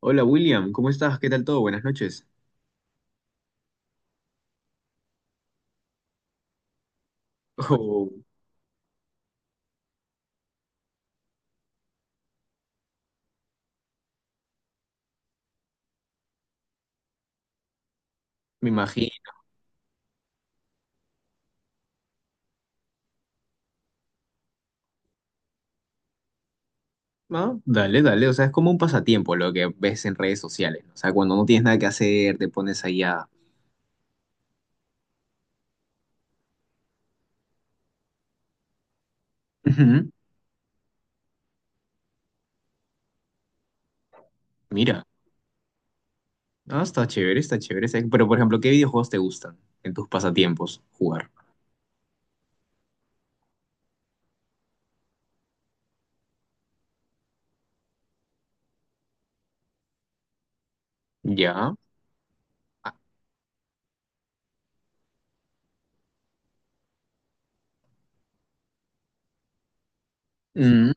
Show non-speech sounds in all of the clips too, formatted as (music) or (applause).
Hola William, ¿cómo estás? ¿Qué tal todo? Buenas noches. (laughs) Oh, me imagino. ¿No? Dale, dale. O sea, es como un pasatiempo lo que ves en redes sociales, ¿no? O sea, cuando no tienes nada que hacer, te pones ahí a... Ujú. Mira, está chévere, está chévere. Pero, por ejemplo, ¿qué videojuegos te gustan en tus pasatiempos jugar? ¿Ya? Ah, mm,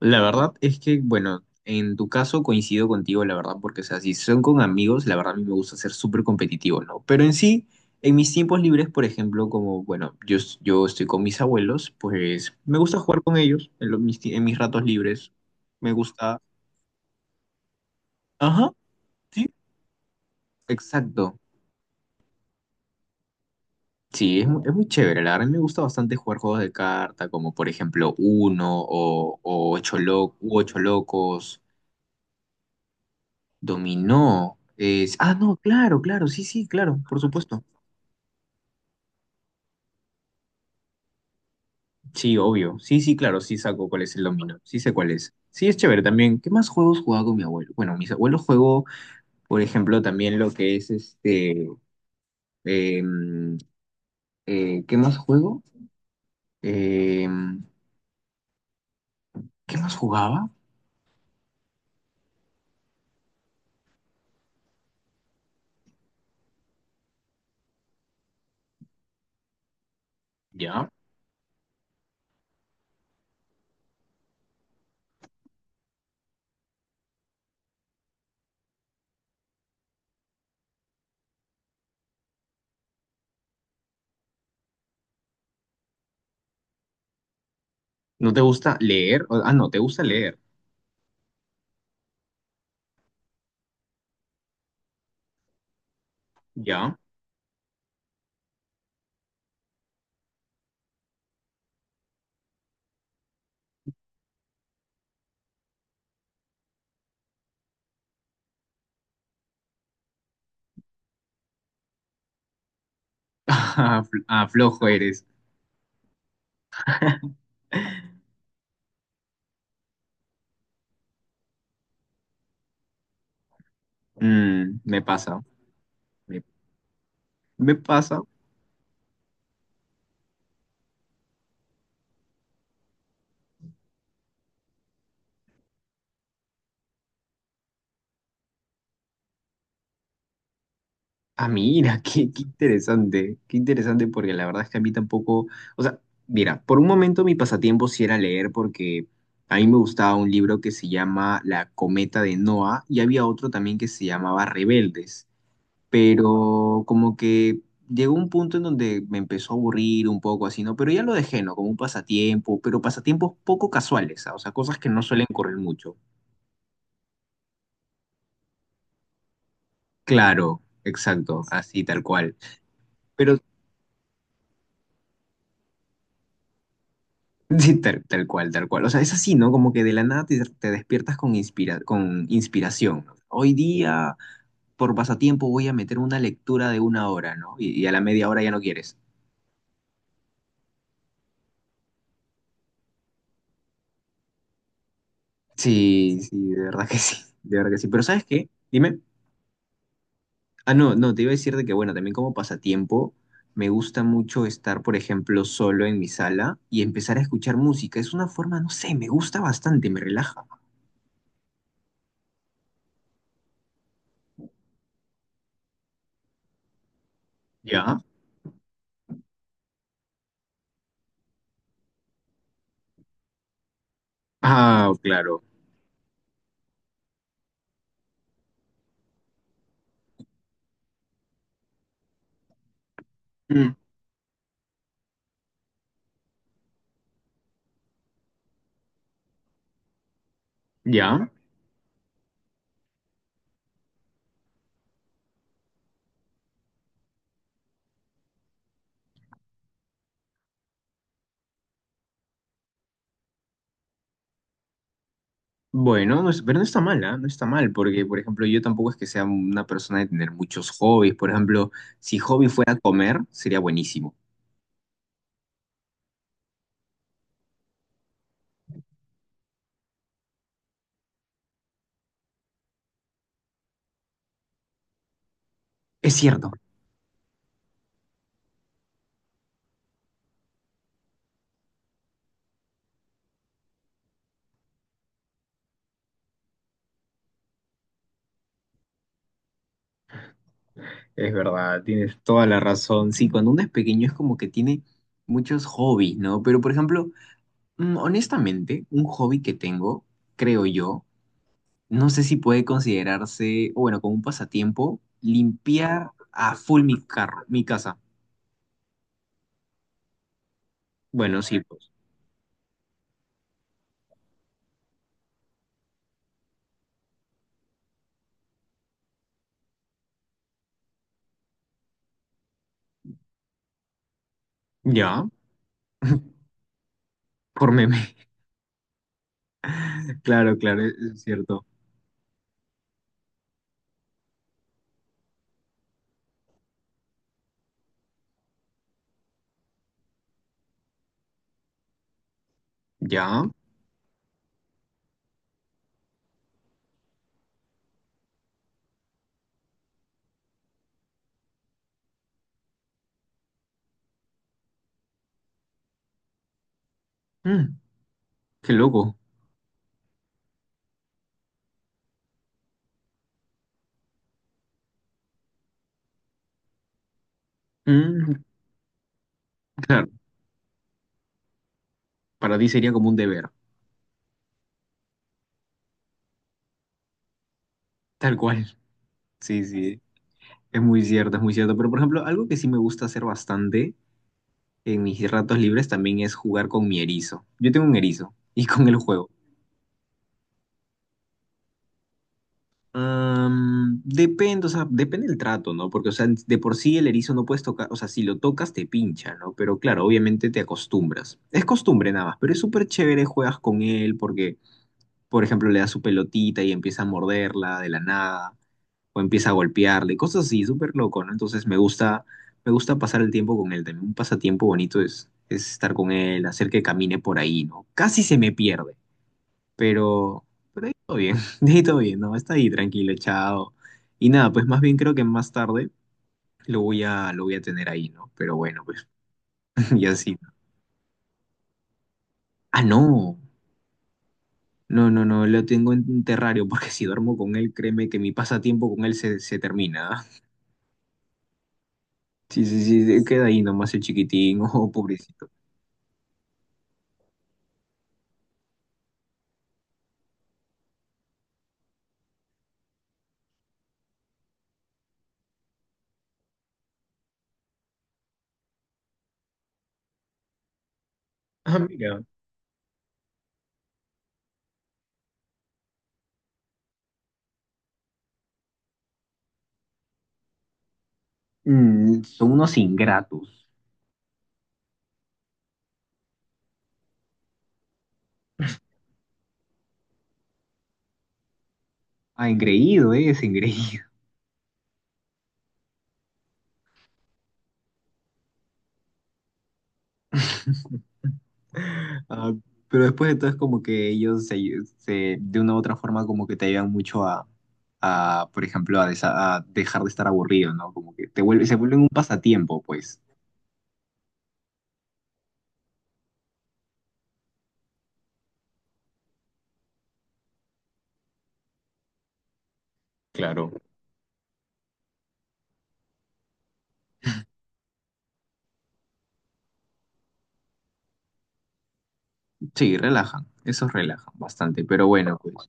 la verdad es que, bueno, en tu caso coincido contigo, la verdad, porque, o sea, si son con amigos, la verdad a mí me gusta ser súper competitivo, ¿no? Pero en sí, en mis tiempos libres, por ejemplo, como, bueno, yo estoy con mis abuelos, pues me gusta jugar con ellos en mis ratos libres. Me gusta... Ajá, sí, exacto. Sí, es muy chévere, la verdad, me gusta bastante jugar juegos de carta, como por ejemplo Uno o u Ocho Locos. Dominó. Es... Ah, no, claro, claro, sí, sí, claro, por supuesto. Sí, obvio. Sí, sí, claro, sí saco cuál es el dominó. Sí sé cuál es. Sí, es chévere también. ¿Qué más juegos jugaba con mi abuelo? Bueno, mis abuelos juego, por ejemplo, también lo que es este. em, ¿Qué más juego? Em, ¿Qué más jugaba? ¿Ya? ¿No te gusta leer? Ah, no, ¿te gusta leer? ¿Ya? (laughs) Ah, flojo eres. Mm, me pasa. Me, me pasa. Ah, mira, (laughs) qué interesante porque la verdad es que a mí tampoco, o sea, mira, por un momento mi pasatiempo sí era leer porque a mí me gustaba un libro que se llama La cometa de Noah y había otro también que se llamaba Rebeldes, pero como que llegó un punto en donde me empezó a aburrir un poco así, ¿no? Pero ya lo dejé, ¿no? Como un pasatiempo, pero pasatiempos poco casuales, ¿ah? O sea, cosas que no suelen correr mucho. Claro, exacto, así tal cual. Pero (laughs) sí, tal cual, tal cual. O sea, es así, ¿no? Como que de la nada te despiertas con, inspira con inspiración. ¿No? Hoy día, por pasatiempo, voy a meter una lectura de una hora, ¿no? Y a la media hora ya no quieres. Sí, sí, de verdad que sí, de verdad que sí. Pero ¿sabes qué? Dime. Ah, no, no, te iba a decir de que, bueno, también como pasatiempo, me gusta mucho estar, por ejemplo, solo en mi sala y empezar a escuchar música. Es una forma, no sé, me gusta bastante, me relaja. ¿Ya? Ah, claro. Mm, ¿ya? Bueno, pero no está mal, ¿ah? No está mal, porque, por ejemplo, yo tampoco es que sea una persona de tener muchos hobbies. Por ejemplo, si hobby fuera comer, sería buenísimo. Es cierto. Es verdad, tienes toda la razón. Sí, cuando uno es pequeño es como que tiene muchos hobbies, ¿no? Pero, por ejemplo, mm, honestamente, un hobby que tengo, creo yo, no sé si puede considerarse, o bueno, como un pasatiempo, limpiar a full mi carro, mi casa. Bueno, sí, pues. Ya, (laughs) por meme. Claro, claro, es cierto. Ya. Mm, qué loco. Mm, claro, para ti sería como un deber, tal cual. Sí, sí, es muy cierto, es muy cierto. Pero, por ejemplo, algo que sí me gusta hacer bastante en mis ratos libres también es jugar con mi erizo. Yo tengo un erizo (laughs) y con el juego. Am, depende, o sea, depende del trato, ¿no? Porque, o sea, de por sí el erizo no puedes tocar, o sea, si lo tocas te pincha, ¿no? Pero claro, obviamente te acostumbras. Es costumbre nada más, pero es súper chévere, juegas con él porque por ejemplo, le da su pelotita y empieza a morderla de la nada, o empieza a golpearle, cosas así, súper loco, ¿no? Entonces me gusta pasar el tiempo con él. También un pasatiempo bonito es estar con él, hacer que camine por ahí, ¿no? Casi se me pierde, pero, pero ahí todo bien, (laughs) de ahí todo bien, ¿no? Está ahí tranquilo, echado. Y nada, pues más bien creo que más tarde lo voy a tener ahí, ¿no? Pero bueno, pues, (laughs) y así. ¿No? Ah, no. No, no, no, lo tengo en un terrario porque si duermo con él, créeme que mi pasatiempo con él se termina. Sí, sí, sí, queda ahí nomás el chiquitín, (laughs) oh, pobrecito. Ah, mira. Mm, son unos ingratos. Ah, engreído, es engreído. (laughs) Ah, pero después de todo es como que ellos se, de una u otra forma como que te ayudan mucho a, por ejemplo, a dejar de estar aburrido, ¿no? Como que te vuelve, se vuelven un pasatiempo, pues. Claro. Sí, relajan, esos relajan bastante, pero bueno, pues.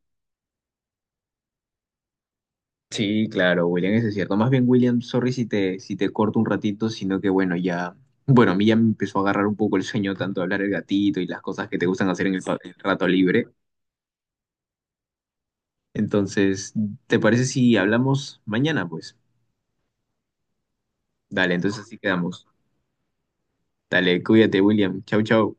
Sí, claro, William, eso es cierto. Más bien, William, sorry si te corto un ratito, sino que bueno, ya, bueno, a mí ya me empezó a agarrar un poco el sueño, tanto hablar el gatito y las cosas que te gustan hacer en el rato libre. Entonces, ¿te parece si hablamos mañana, pues? Dale, entonces así quedamos. Dale, cuídate, William. Chau, chau.